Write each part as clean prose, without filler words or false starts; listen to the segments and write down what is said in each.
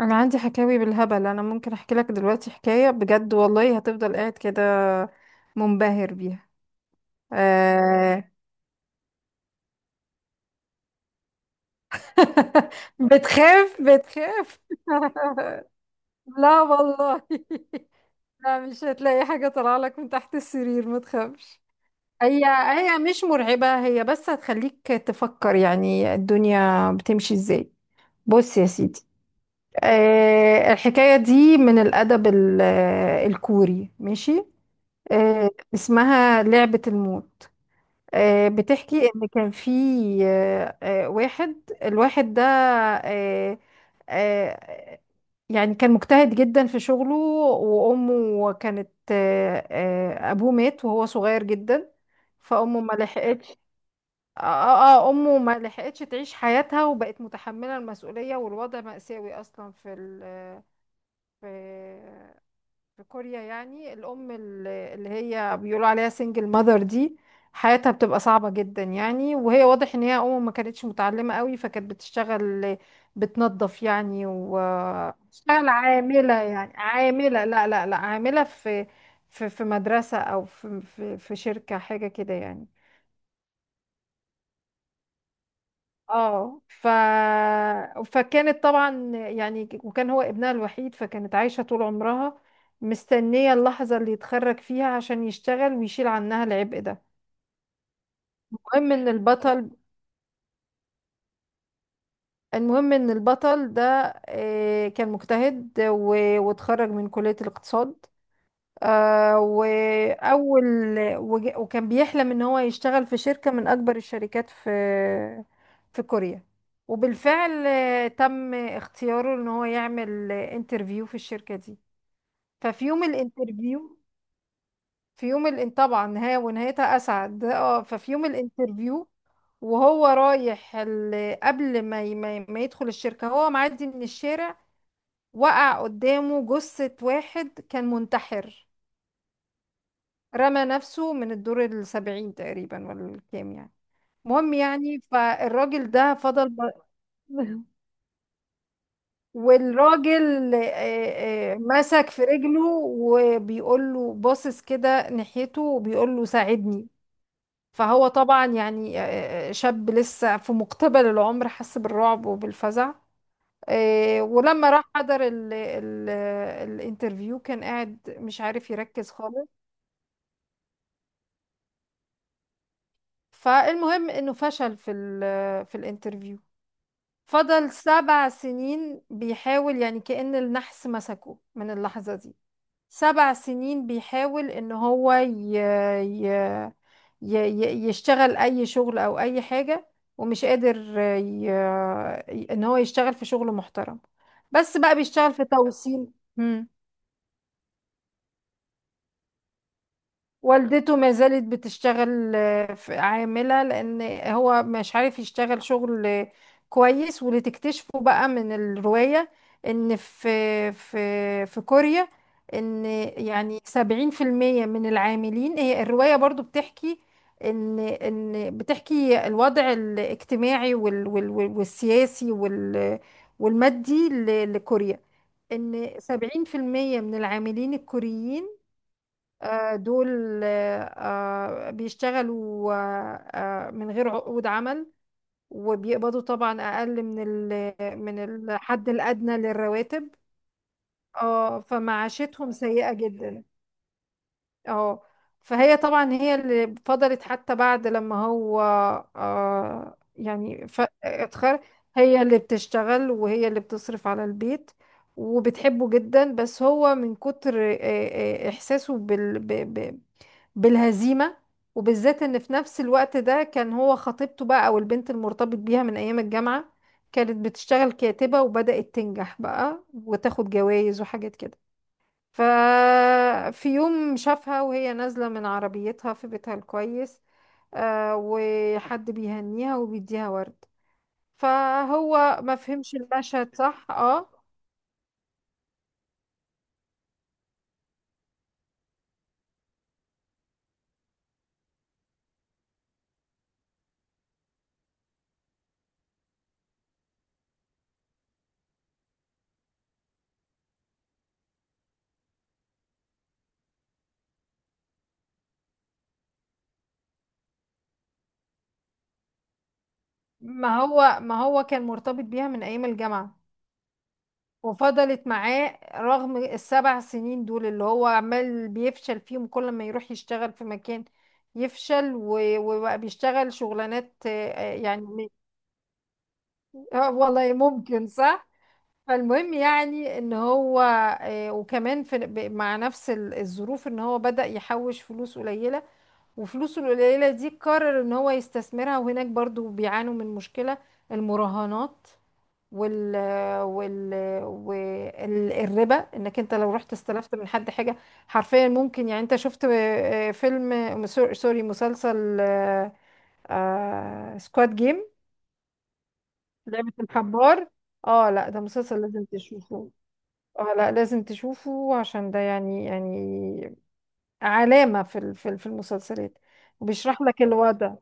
انا عندي حكاوي بالهبل. انا ممكن احكي لك دلوقتي حكاية بجد، والله هتفضل قاعد كده منبهر بيها. آه بتخاف بتخاف. لا والله. لا، مش هتلاقي حاجة طالعة لك من تحت السرير، ما تخافش. هي مش مرعبة، هي بس هتخليك تفكر يعني الدنيا بتمشي ازاي. بص يا سيدي. الحكاية دي من الأدب الكوري. ماشي. اسمها لعبة الموت. بتحكي ان كان في واحد. الواحد ده آه، آه، يعني كان مجتهد جدا في شغله، وامه كانت ابوه مات وهو صغير جدا، فامه ما لحقتش. امه ما لحقتش تعيش حياتها، وبقت متحملة المسؤولية، والوضع مأساوي اصلا في في كوريا. يعني الأم اللي هي بيقولوا عليها سنجل ماذر دي حياتها بتبقى صعبة جدا. يعني وهي واضح ان هي أم ما كانتش متعلمة قوي، فكانت بتشتغل، بتنظف يعني، وبتشتغل عاملة، يعني عاملة، لا لا لا، عاملة في مدرسة، أو في شركة، حاجة كده يعني. اه ف... فكانت طبعا يعني، وكان هو ابنها الوحيد، فكانت عايشة طول عمرها مستنية اللحظة اللي يتخرج فيها عشان يشتغل ويشيل عنها العبء ده. المهم ان البطل المهم ان البطل ده كان مجتهد واتخرج من كلية الاقتصاد. آه وأول وكان بيحلم إن هو يشتغل في شركة من أكبر الشركات في كوريا. وبالفعل تم اختياره إن هو يعمل انترفيو في الشركة دي. ففي يوم الانترفيو، في يوم الان طبعا نهاية، ونهايتها أسعد. اه، ففي يوم الانترفيو وهو رايح قبل ما يدخل الشركة، هو معدي من الشارع. وقع قدامه جثة واحد كان منتحر، رمى نفسه من الدور 70 تقريبا ولا الكام يعني. المهم يعني، فالراجل ده فضل والراجل مسك في رجله، وبيقول له باصص كده ناحيته، وبيقول له ساعدني. فهو طبعا يعني شاب لسه في مقتبل العمر، حس بالرعب وبالفزع. ولما راح حضر ال الانترفيو، كان قاعد مش عارف يركز خالص. فالمهم انه فشل في الانترفيو. فضل 7 سنين بيحاول، يعني كأن النحس مسكه من اللحظة دي. 7 سنين بيحاول ان هو ي... يشتغل اي شغل او اي حاجة، ومش قادر ان هو يشتغل في شغل محترم، بس بقى بيشتغل في توصيل. والدته ما زالت بتشتغل عاملة، لأن هو مش عارف يشتغل شغل كويس. واللي تكتشفه بقى من الرواية إن في في كوريا، إن يعني 70% من العاملين، هي الرواية برضو بتحكي إن بتحكي الوضع الاجتماعي والسياسي والمادي لكوريا، إن 70% من العاملين الكوريين دول بيشتغلوا من غير عقود عمل، وبيقبضوا طبعا أقل من الحد الأدنى للرواتب. اه، فمعاشتهم سيئة جدا. اه، فهي طبعا هي اللي فضلت، حتى بعد لما هو اتخرج، هي اللي بتشتغل وهي اللي بتصرف على البيت، وبتحبه جدا. بس هو من كتر إحساسه بالهزيمة، وبالذات ان في نفس الوقت ده كان هو خطيبته بقى، او البنت المرتبط بيها من ايام الجامعة، كانت بتشتغل كاتبة وبدأت تنجح بقى وتاخد جوائز وحاجات كده. ففي يوم شافها وهي نازلة من عربيتها في بيتها الكويس، وحد بيهنيها وبيديها ورد. فهو ما فهمش المشهد صح، اه. ما هو كان مرتبط بيها من ايام الجامعة، وفضلت معاه رغم ال7 سنين دول اللي هو عمال بيفشل فيهم. كل ما يروح يشتغل في مكان يفشل، وبقى بيشتغل شغلانات والله ممكن صح. فالمهم يعني ان هو وكمان مع نفس الظروف، ان هو بدأ يحوش فلوس قليلة، وفلوسه القليلة دي قرر ان هو يستثمرها. وهناك برضو بيعانوا من مشكلة المراهنات، وال وال والربا. انك انت لو رحت استلفت من حد حاجه، حرفيا ممكن. يعني انت شفت فيلم سوري مسلسل، سكواد جيم، لعبه الحبار؟ اه، لا، ده مسلسل لازم تشوفه. اه لا، لازم تشوفه عشان ده يعني يعني علامه في المسلسلات، وبيشرح لك الوضع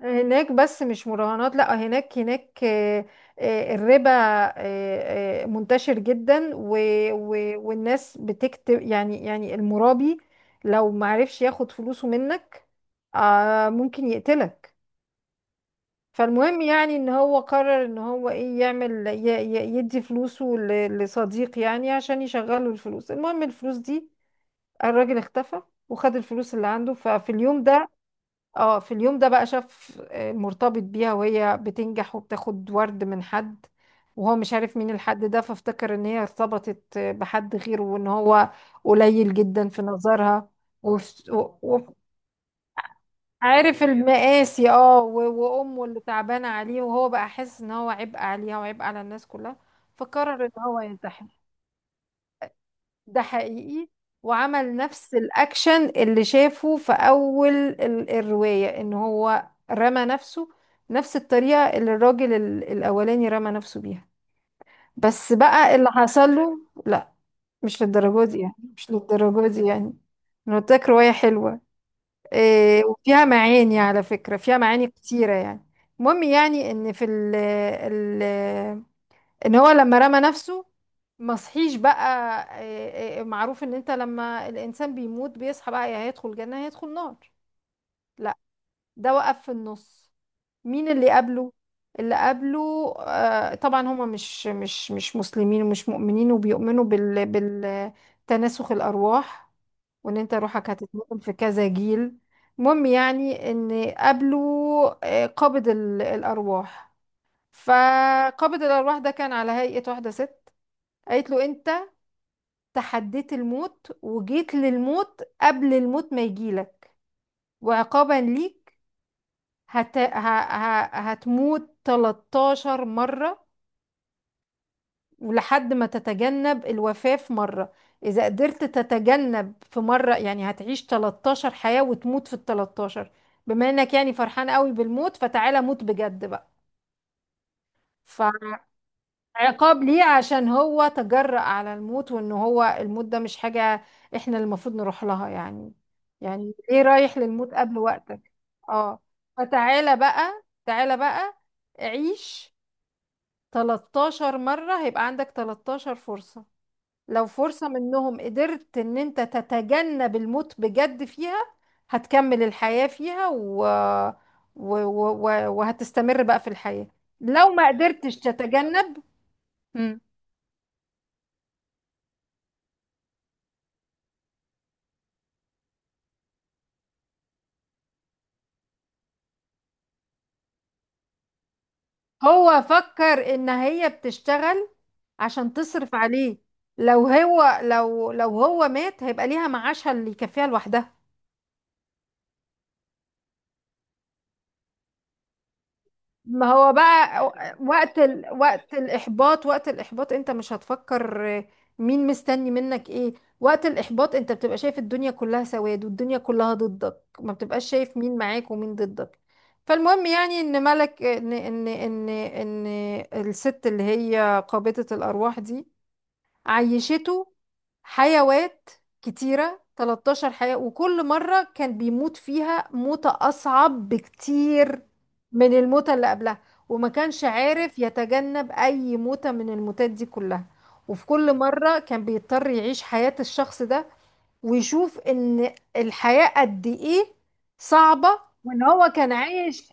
هناك. بس مش مراهنات، لا، هناك هناك الربا منتشر جدا، و والناس بتكتب. يعني يعني المرابي لو معرفش ياخد فلوسه منك ممكن يقتلك. فالمهم يعني ان هو قرر ان هو ايه، يعمل يدي فلوسه لصديق يعني عشان يشغله الفلوس. المهم الفلوس دي، الراجل اختفى وخد الفلوس اللي عنده. ففي اليوم ده، اه، في اليوم ده بقى شاف مرتبط بيها وهي بتنجح وبتاخد ورد من حد، وهو مش عارف مين الحد ده، فافتكر ان هي ارتبطت بحد غيره، وان هو قليل جدا في نظرها. وف- و- و- عارف المقاسي اه، وامه اللي تعبانه عليه، وهو بقى حاسس ان هو عبء عليها وعبء على الناس كلها. فقرر ان هو ينتحر. ده حقيقي. وعمل نفس الأكشن اللي شافه في أول الرواية، إن هو رمى نفسه، نفس الطريقة اللي الراجل الأولاني رمى نفسه بيها. بس بقى اللي حصل له، لا، مش للدرجة دي يعني، مش للدرجة دي يعني. أنا قلت لك رواية حلوة. إيه، وفيها معاني على فكرة، فيها معاني كتيرة يعني. المهم يعني إن في ال ان هو لما رمى نفسه ما صحيش بقى. معروف ان انت لما الانسان بيموت بيصحى بقى، يا هيدخل جنة يا هيدخل نار. لا، ده وقف في النص. مين اللي قبله؟ اللي قبله طبعا هما مش مسلمين ومش مؤمنين، وبيؤمنوا بالتناسخ الارواح، وان انت روحك هتتنقل في كذا جيل. المهم يعني ان قبله قابض الارواح. فقابض الارواح ده كان على هيئة واحدة ست. قالت له: انت تحديت الموت وجيت للموت قبل الموت ما يجيلك، وعقابا ليك هت... ه... ه... هتموت 13 مرة، ولحد ما تتجنب الوفاة في مرة. إذا قدرت تتجنب في مرة يعني، هتعيش 13 حياة وتموت في ال 13. بما إنك يعني فرحان قوي بالموت، فتعالى موت بجد بقى. ف... عقاب ليه عشان هو تجرأ على الموت، وان هو الموت ده مش حاجة احنا اللي المفروض نروح لها يعني. يعني ليه رايح للموت قبل وقتك؟ اه، فتعالى بقى، تعالى بقى، عيش 13 مرة، هيبقى عندك 13 فرصة. لو فرصة منهم قدرت ان انت تتجنب الموت بجد فيها، هتكمل الحياة فيها وهتستمر بقى في الحياة. لو ما قدرتش تتجنب، هو فكر ان هي بتشتغل عشان تصرف عليه. لو هو لو لو هو مات هيبقى ليها معاشها اللي يكفيها لوحدها. ما هو بقى وقت الإحباط، وقت الإحباط أنت مش هتفكر مين مستني منك إيه. وقت الإحباط أنت بتبقى شايف الدنيا كلها سواد، والدنيا كلها ضدك، ما بتبقاش شايف مين معاك ومين ضدك. فالمهم يعني إن ملك إن الست اللي هي قابضة الأرواح دي عيشته حيوات كتيرة، 13 حياة، وكل مرة كان بيموت فيها موتة أصعب بكتير من الموتة اللي قبلها. وما كانش عارف يتجنب أي موتة من الموتات دي كلها، وفي كل مرة كان بيضطر يعيش حياة الشخص ده، ويشوف إن الحياة قد إيه صعبة. وإن هو كان عايش،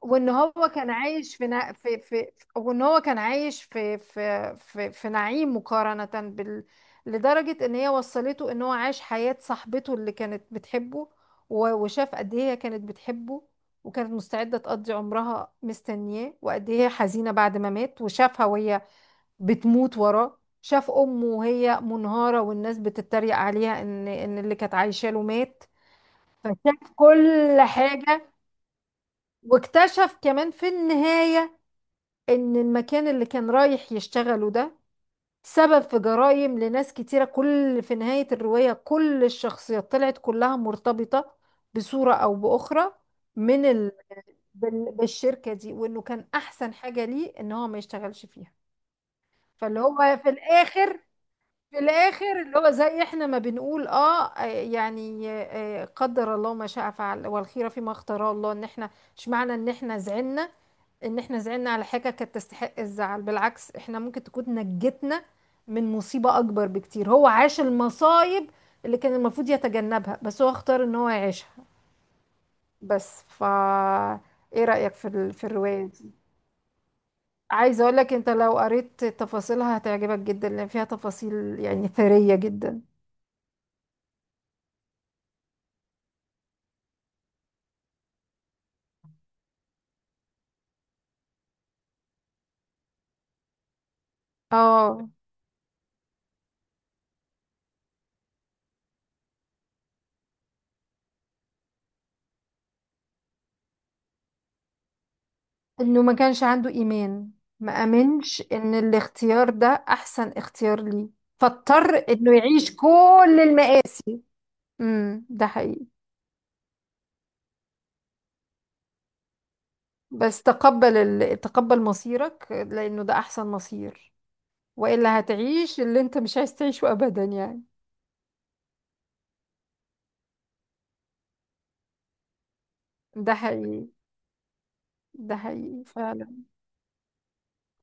وان هو كان عايش في نا... في في وان هو كان عايش في نعيم مقارنة بال، لدرجة ان هي وصلته ان هو عاش حياة صاحبته اللي كانت بتحبه، وشاف قد ايه هي كانت بتحبه، وكانت مستعدة تقضي عمرها مستنياه، وقد ايه هي حزينة بعد ما مات. وشافها وهي بتموت وراه، شاف امه وهي منهارة، والناس بتتريق عليها ان اللي كانت عايشة له مات. فشاف كل حاجة. واكتشف كمان في النهاية ان المكان اللي كان رايح يشتغله ده سبب في جرائم لناس كتيرة. كل في نهاية الرواية كل الشخصيات طلعت كلها مرتبطة بصورة او باخرى من ال... بالشركة دي، وانه كان احسن حاجة ليه ان هو ما يشتغلش فيها. فاللي هو في الاخر، في الاخر، اللي هو زي احنا ما بنقول اه، قدر الله ما شاء فعل، والخيره فيما اختاره الله. ان احنا مش معنى ان احنا زعلنا، ان احنا زعلنا على حاجه كانت تستحق الزعل، بالعكس احنا ممكن تكون نجتنا من مصيبه اكبر بكتير. هو عاش المصايب اللي كان المفروض يتجنبها، بس هو اختار ان هو يعيشها. بس ف ايه رايك في الروايه دي؟ عايزه اقول لك، انت لو قريت تفاصيلها هتعجبك جدا، لان فيها تفاصيل يعني ثريه جدا. اه، انه ما كانش عنده ايمان. ما امنش ان الاختيار ده احسن اختيار ليه، فاضطر انه يعيش كل المآسي. امم، ده حقيقي. بس تقبل تقبل مصيرك لانه ده احسن مصير، والا هتعيش اللي انت مش عايز تعيشه ابدا يعني. ده حقيقي، ده حقيقي فعلا.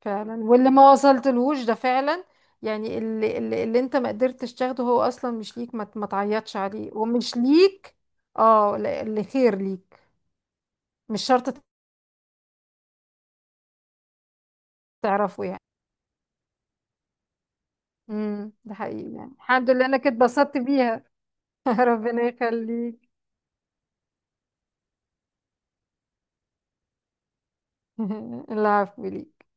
فعلا، واللي ما وصلتلهوش ده فعلا يعني، اللي انت ما قدرتش تاخده هو اصلا مش ليك. ما تعيطش عليه ومش ليك. اه، اللي خير ليك مش شرط تعرفه يعني. امم، ده حقيقي يعني. الحمد لله، انا كنت اتبسطت بيها. ربنا يخليك. العفو ليك.